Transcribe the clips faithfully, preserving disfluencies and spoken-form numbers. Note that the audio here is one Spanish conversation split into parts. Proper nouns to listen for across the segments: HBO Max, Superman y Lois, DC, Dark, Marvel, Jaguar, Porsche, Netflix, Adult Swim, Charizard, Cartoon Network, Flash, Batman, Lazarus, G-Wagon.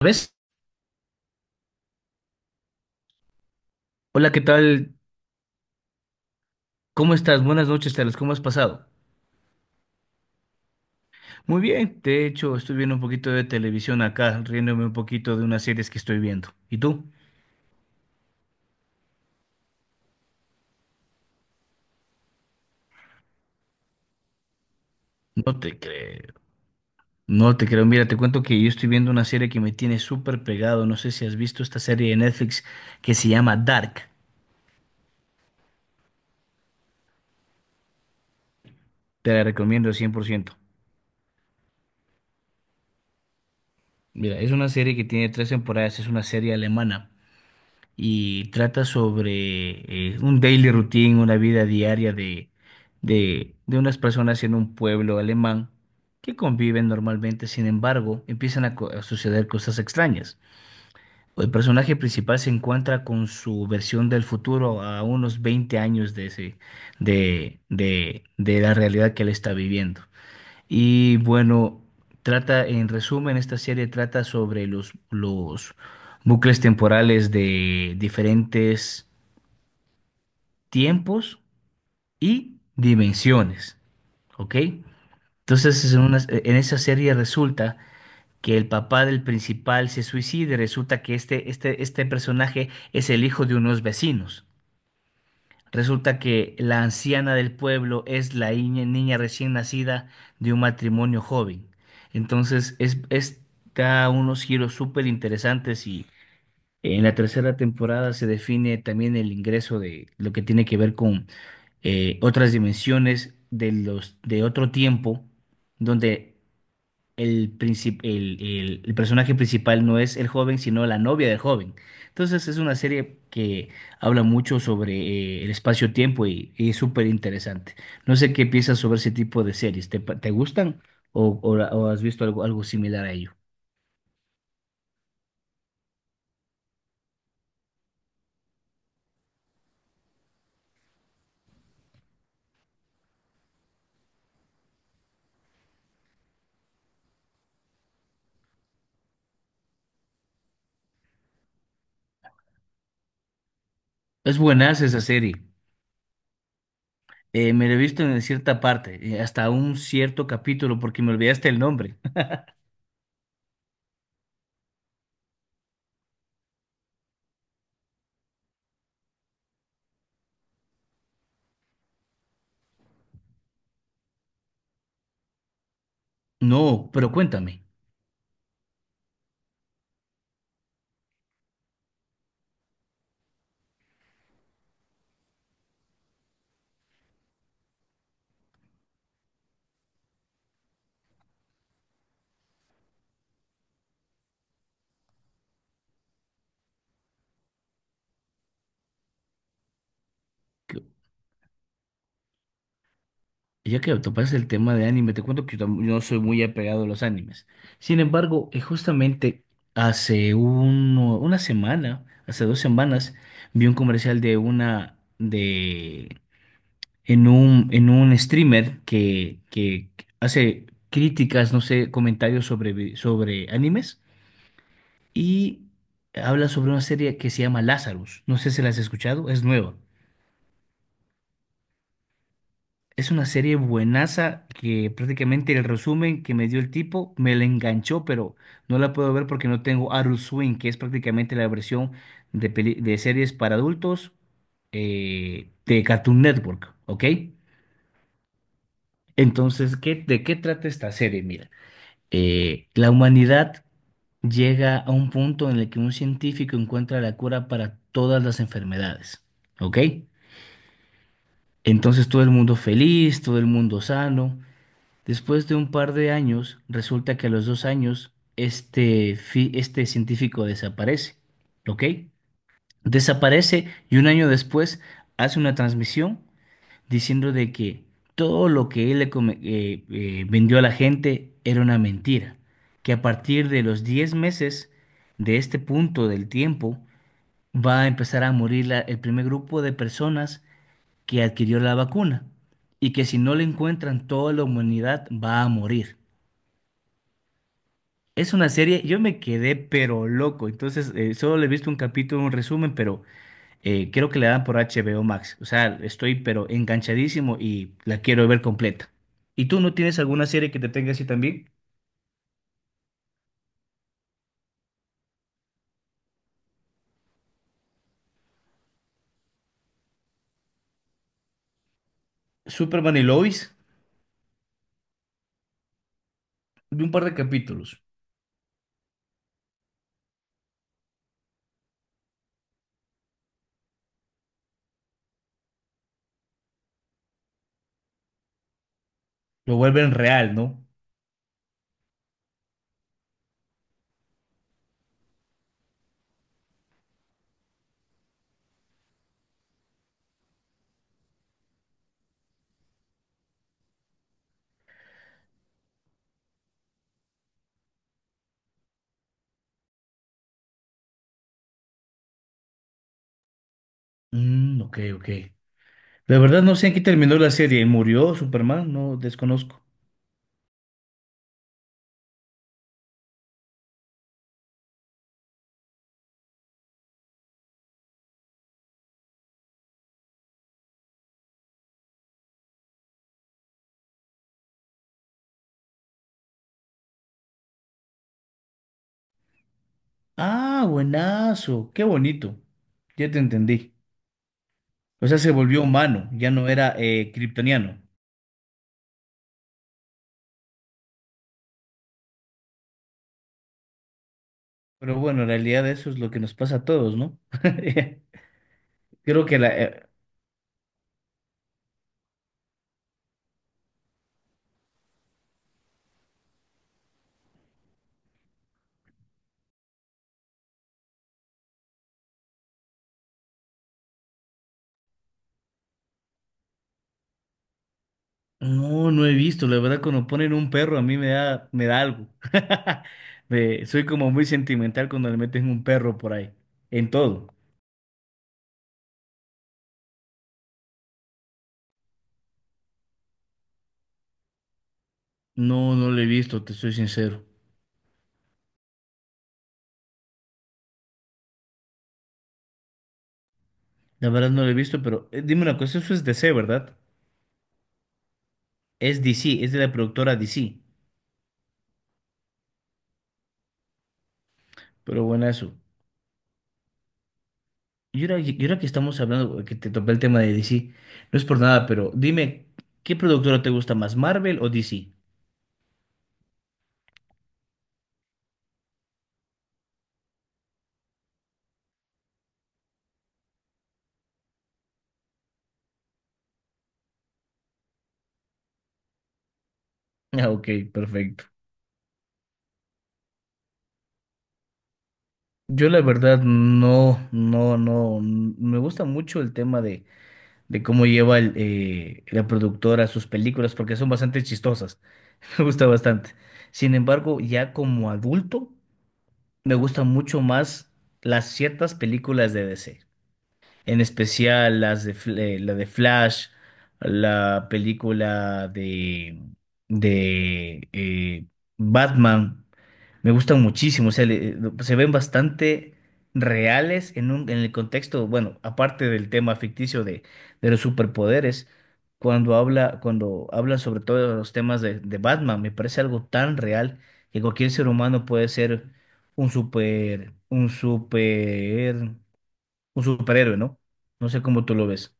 ¿Ves? Hola, ¿qué tal? ¿Cómo estás? Buenas noches, Carlos. ¿Cómo has pasado? Muy bien. De hecho, estoy viendo un poquito de televisión acá, riéndome un poquito de unas series que estoy viendo. ¿Y tú? No te creo. No te creo. Mira, te cuento que yo estoy viendo una serie que me tiene súper pegado. No sé si has visto esta serie de Netflix que se llama Dark. Te la recomiendo cien por ciento. Mira, es una serie que tiene tres temporadas. Es una serie alemana y trata sobre eh, un daily routine, una vida diaria de, de, de unas personas en un pueblo alemán que conviven normalmente. Sin embargo, empiezan a, co- a suceder cosas extrañas. El personaje principal se encuentra con su versión del futuro a unos veinte años de ese, de, de, de la realidad que él está viviendo. Y bueno, trata, en resumen, esta serie trata sobre los, los bucles temporales de diferentes tiempos y dimensiones, ¿ok? Entonces, es en, una- en esa serie resulta que el papá del principal se suicida, y resulta que este, este, este personaje es el hijo de unos vecinos. Resulta que la anciana del pueblo es la iña- niña recién nacida de un matrimonio joven. Entonces, es, es- Da unos giros súper interesantes, y en la tercera temporada se define también el ingreso de lo que tiene que ver con eh, otras dimensiones de los de otro tiempo, donde el, princip- el, el- el personaje principal no es el joven, sino la novia del joven. Entonces es una serie que habla mucho sobre eh, el espacio-tiempo y, y es súper interesante. No sé qué piensas sobre ese tipo de series. ¿Te, pa- te gustan o, o la- o has visto algo, algo similar a ello? Es buenaza esa serie. Eh, me la he visto en cierta parte, eh, hasta un cierto capítulo porque me olvidaste el nombre. No, pero cuéntame. Y Ya que topas el tema de anime, te cuento que yo tam- yo no soy muy apegado a los animes. Sin embargo, eh, justamente hace uno- una semana, hace dos semanas, vi un comercial de una de en un en un streamer que, que hace críticas, no sé, comentarios sobre vi- sobre animes, y habla sobre una serie que se llama Lazarus. No sé si la has escuchado, es nueva. Es una serie buenaza que prácticamente el resumen que me dio el tipo me la enganchó, pero no la puedo ver porque no tengo Adult Swim, que es prácticamente la versión de, peli- de series para adultos, eh, de Cartoon Network, ¿ok? Entonces, ¿qué, de qué trata esta serie? Mira, eh, la humanidad llega a un punto en el que un científico encuentra la cura para todas las enfermedades, ¿ok? Entonces todo el mundo feliz, todo el mundo sano. Después de un par de años, resulta que a los dos años, este, fi- este científico desaparece, ¿ok? Desaparece, y un año después hace una transmisión diciendo de que todo lo que él le come- eh, eh, vendió a la gente era una mentira, que a partir de los diez meses de este punto del tiempo va a empezar a morir la- el primer grupo de personas que adquirió la vacuna, y que si no la encuentran, toda la humanidad va a morir. Es una serie, yo me quedé pero loco. Entonces eh, solo le he visto un capítulo, un resumen, pero eh, creo que la dan por H B O Max. O sea, estoy pero enganchadísimo y la quiero ver completa. ¿Y tú no tienes alguna serie que te tenga así también? Superman y Lois, vi un par de capítulos, lo vuelven real, ¿no? Mm, ok, ok. La verdad no sé en qué terminó la serie. ¿Murió Superman? No, desconozco. Ah, buenazo, qué bonito, ya te entendí. O sea, se volvió humano, ya no era eh, kryptoniano. Pero bueno, en realidad eso es lo que nos pasa a todos, ¿no? Creo que la… eh, No, no he visto. La verdad, cuando ponen un perro, a mí me da, me da algo. Me- soy como muy sentimental cuando le meten un perro por ahí, en todo. No, no lo he visto, te soy sincero. La verdad no lo he visto, pero eh, dime una cosa, eso es D C, ¿verdad? Es D C, es de la productora D C. Pero bueno, eso. Y ahora, y ahora que estamos hablando, que te topé el tema de D C, no es por nada, pero dime, ¿qué productora te gusta más, Marvel o D C? Ah, ok, perfecto. Yo la verdad no, no, no, n- me gusta mucho el tema de, de cómo lleva el, eh, la productora sus películas porque son bastante chistosas, me gusta bastante. Sin embargo, ya como adulto, me gustan mucho más las ciertas películas de D C, en especial las de, Fl- eh, la de Flash, la película de, de eh, Batman. Me gustan muchísimo, o sea, le- se ven bastante reales en un, en el contexto, bueno, aparte del tema ficticio de, de los superpoderes. Cuando habla, cuando hablan sobre todo los temas de, de Batman, me parece algo tan real que cualquier ser humano puede ser un super, un super un superhéroe, ¿no? No sé cómo tú lo ves.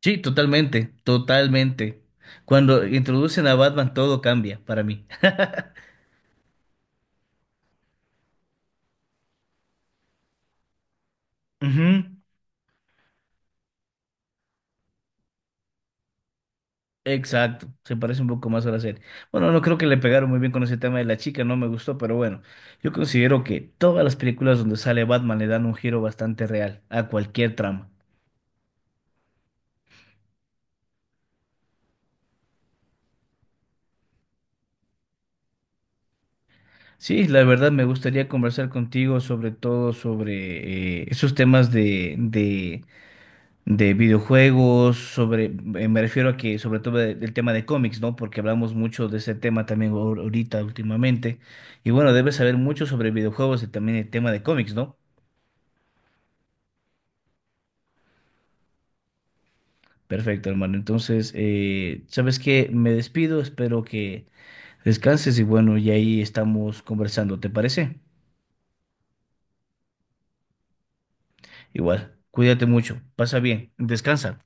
Sí, totalmente, totalmente. Cuando introducen a Batman, todo cambia para mí. Ujú. Exacto, se parece un poco más a la serie. Bueno, no creo que le pegaron muy bien con ese tema de la chica, no me gustó, pero bueno, yo considero que todas las películas donde sale Batman le dan un giro bastante real a cualquier trama. Sí, la verdad me gustaría conversar contigo sobre todo sobre eh, esos temas de, de de videojuegos, sobre, eh, me refiero a que sobre todo de- del tema de cómics, ¿no? Porque hablamos mucho de ese tema también ahor- ahorita últimamente. Y bueno, debes saber mucho sobre videojuegos y también el tema de cómics, ¿no? Perfecto, hermano. Entonces, eh, ¿sabes qué? Me despido, espero que descanses y bueno, y ahí estamos conversando, ¿te parece? Igual, cuídate mucho, pasa bien, descansa.